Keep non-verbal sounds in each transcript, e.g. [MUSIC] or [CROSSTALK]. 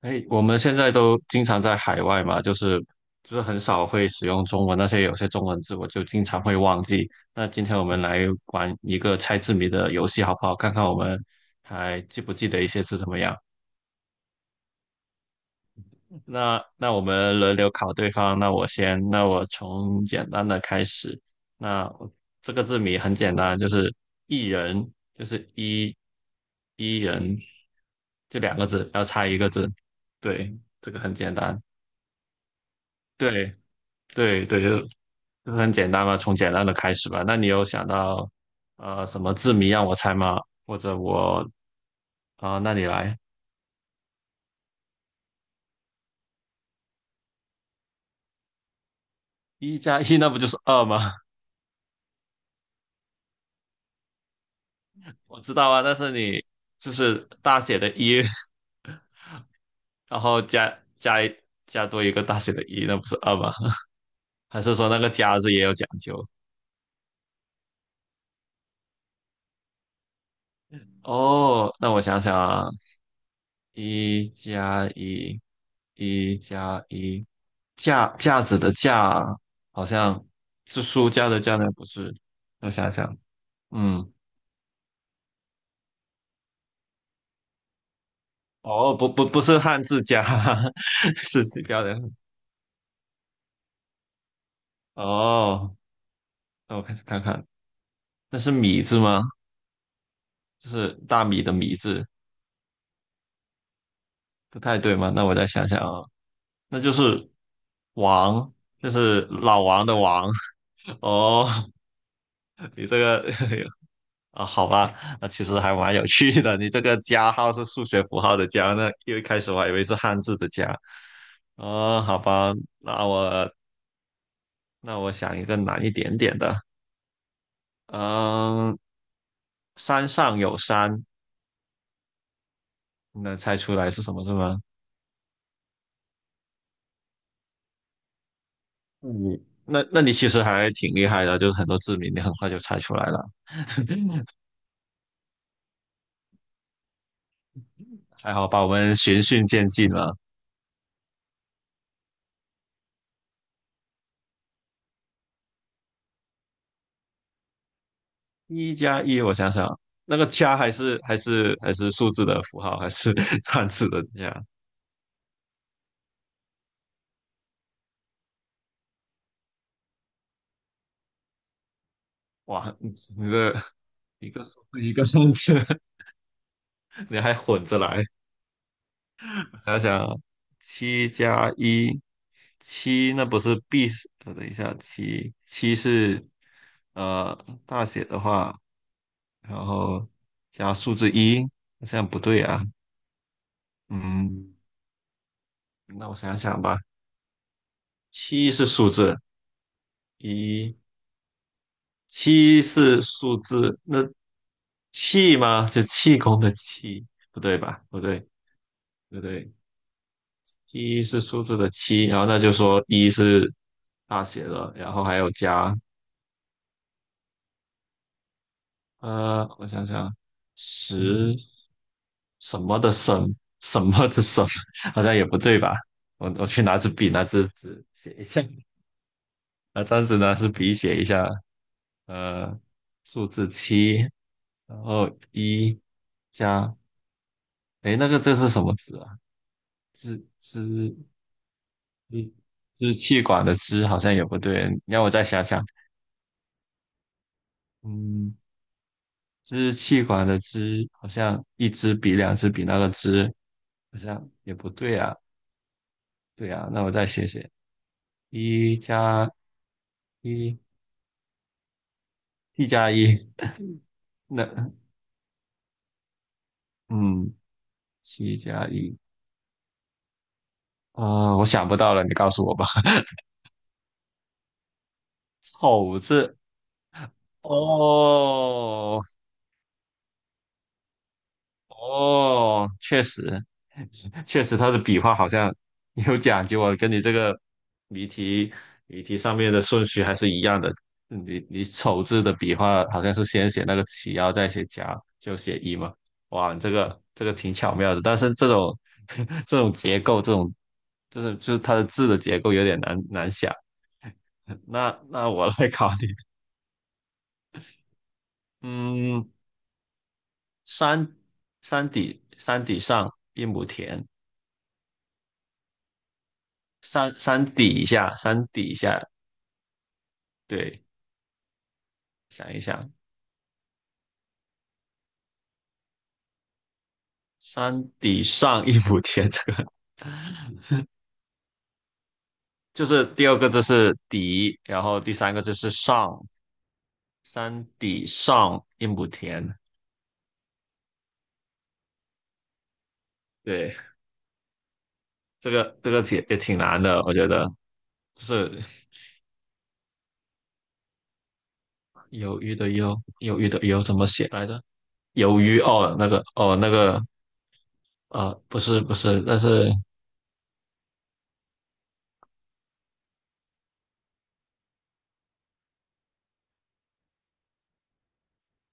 哎，我们现在都经常在海外嘛，就是很少会使用中文，那些有些中文字我就经常会忘记。那今天我们来玩一个猜字谜的游戏，好不好？看看我们还记不记得一些字怎么样？那我们轮流考对方，那我先，那我从简单的开始。那我这个字谜很简单，就是一人，就是一人，就两个字，要猜一个字。对，这个很简单。对，对对，就很简单嘛，从简单的开始吧。那你有想到什么字谜让我猜吗？或者我啊、那你来，一加一那不就是二吗？[LAUGHS] 我知道啊，但是你就是大写的一，[LAUGHS] 然后加加多一个大写的一，那不是二吗？[LAUGHS] 还是说那个加字也有讲究？哦，那我想想啊，一加一，一加一，架子的架好像是书架的架，那不是？我想想，嗯，哦，不是汉字架，[LAUGHS] 是指标的。哦，那我开始看看，那是米字吗？就是大米的米字，不太对吗？那我再想想啊，那就是王，就是老王的王。[LAUGHS] 哦，你这个 [LAUGHS] 啊，好吧，那其实还蛮有趣的。你这个加号是数学符号的加，那因为一开始我还以为是汉字的加。啊、好吧，那我那我想一个难一点点的。嗯，山上有山，你能猜出来是什么是吗？嗯，那你其实还挺厉害的，就是很多字谜你很快就猜出来了。[LAUGHS] 还好吧，我们循序渐进了。一加一，我想想，那个加还是数字的符号，还是 [LAUGHS] 汉字的加？哇，你的一个数字一个汉字，[LAUGHS] 你还混着来。我想想啊，七加一，七那不是 B 是？等一下，七是呃大写的话，然后加数字一，这样不对啊。嗯，那我想想吧，七是数字一，七是数字，那气吗？就气功的气，不对吧？不对，不对。一是数字的七，然后那就说一是大写的，然后还有加，我想想，十什么的什什么的什，[LAUGHS] 好像也不对吧？我去拿支笔，拿支纸写一下，拿张纸，拿支笔写一下，呃，数字七，然后一加，诶，那个这是什么字啊？支支支支气管的支好像也不对，你让我再想想，嗯。支气管的支，好像一支比两支比那个支，好像也不对啊。对啊，那我再写写，一加一，t 加一，那嗯，七加一，啊、我想不到了，你告诉我吧。[LAUGHS] 丑字哦。哦，确实，确实，他的笔画好像有讲究啊，跟你这个谜题谜题上面的顺序还是一样的。你丑字的笔画好像是先写那个起，然后再写夹，就写一嘛。哇，你这个挺巧妙的，但是这种 [LAUGHS] 这种结构，这种就是它的字的结构有点难想。那我来考你，嗯，山山底上一亩田，山底下，山底下，对，想一想，山底上一亩田，这个就是第二个字是底，然后第三个字是上，山底上一亩田，对，这个也挺难的，我觉得就是鱿鱼的鱿，鱿鱼的鱿怎么写来着？鱿鱼哦，那个哦那个，不是，但是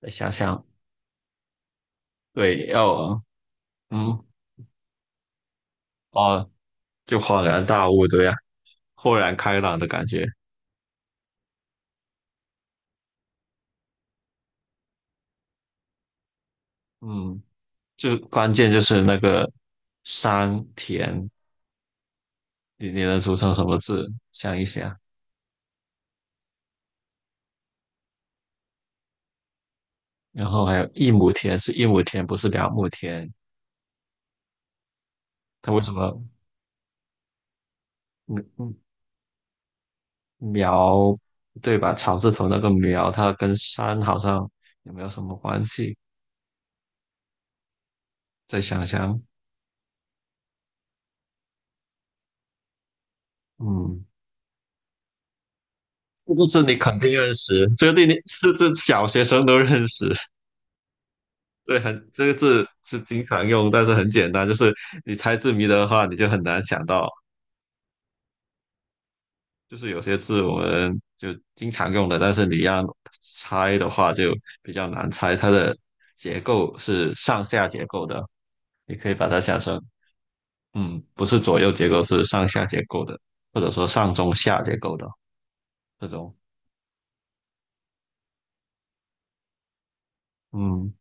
再想想，对，要嗯哦，就恍然大悟，对呀、豁然开朗的感觉。嗯，就关键就是那个山田，你能组成什么字？想一想，然后还有一亩田是一亩田，不是两亩田。它为什么嗯嗯苗对吧？草字头那个苗，它跟山好像也没有什么关系。再想想，嗯，这个字你肯定认识，这个字你是这小学生都认识。对，很这个字是经常用，但是很简单，就是你猜字谜的话，你就很难想到。就是有些字我们就经常用的，但是你要猜的话就比较难猜。它的结构是上下结构的，你可以把它想成，嗯，不是左右结构，是上下结构的，或者说上中下结构的这种。嗯，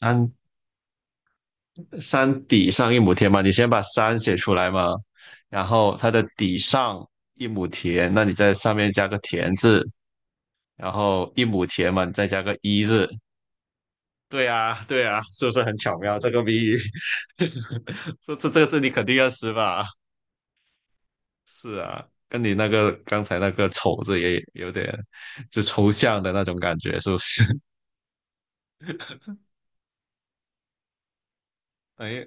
山山底上一亩田嘛，你先把山写出来嘛，然后它的底上一亩田，那你在上面加个田字，然后一亩田嘛，你再加个一字，对啊，对啊，是不是很巧妙这个谜语？[LAUGHS] 这字你肯定要识吧？是啊，跟你那个刚才那个丑字也有点就抽象的那种感觉，是不是？[LAUGHS] 哎，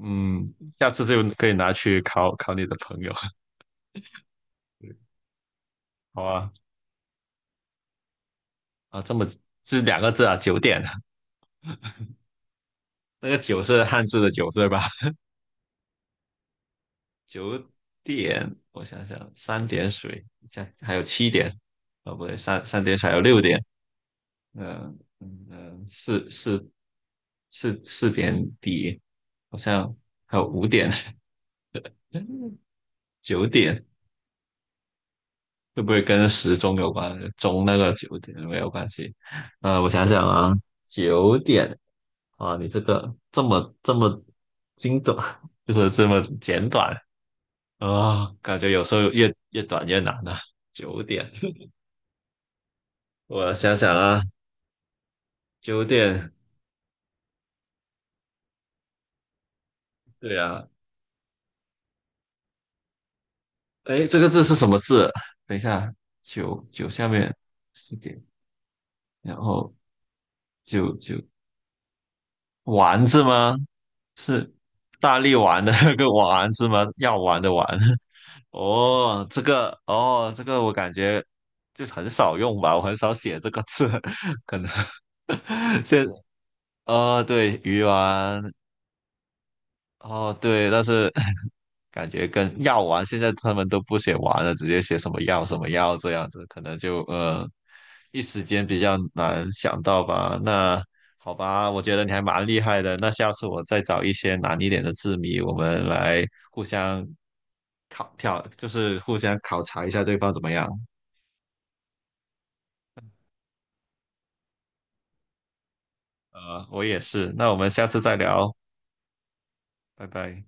嗯，下次就可以拿去考考你的朋友，好啊啊，这么是两个字啊，九点，那个九是汉字的九对吧？九点，我想想，三点水，下还有七点，哦不对，三点水还有六点，嗯嗯嗯，四四四点底，好像还有五点、九点，会不会跟时钟有关？钟那个九点没有关系。我想想啊，九点啊，你这个这么精短，就是这么简短啊，感觉有时候越短越难啊。九点，我想想啊，九点，对啊，哎，这个字是什么字？等一下，九下面四点，然后九丸子吗？是大力丸的那个丸子吗？[LAUGHS] 药丸的丸。[LAUGHS] 哦，这个哦，这个我感觉就很少用吧，我很少写这个字，[LAUGHS] 可能 [LAUGHS] 这对鱼丸，哦，对，但是 [LAUGHS] 感觉跟药丸现在他们都不写丸了，直接写什么药什么药这样子，可能就一时间比较难想到吧。那好吧，我觉得你还蛮厉害的。那下次我再找一些难一点的字谜，我们来互相考挑，就是互相考察一下对方怎么样。我也是。那我们下次再聊，拜拜。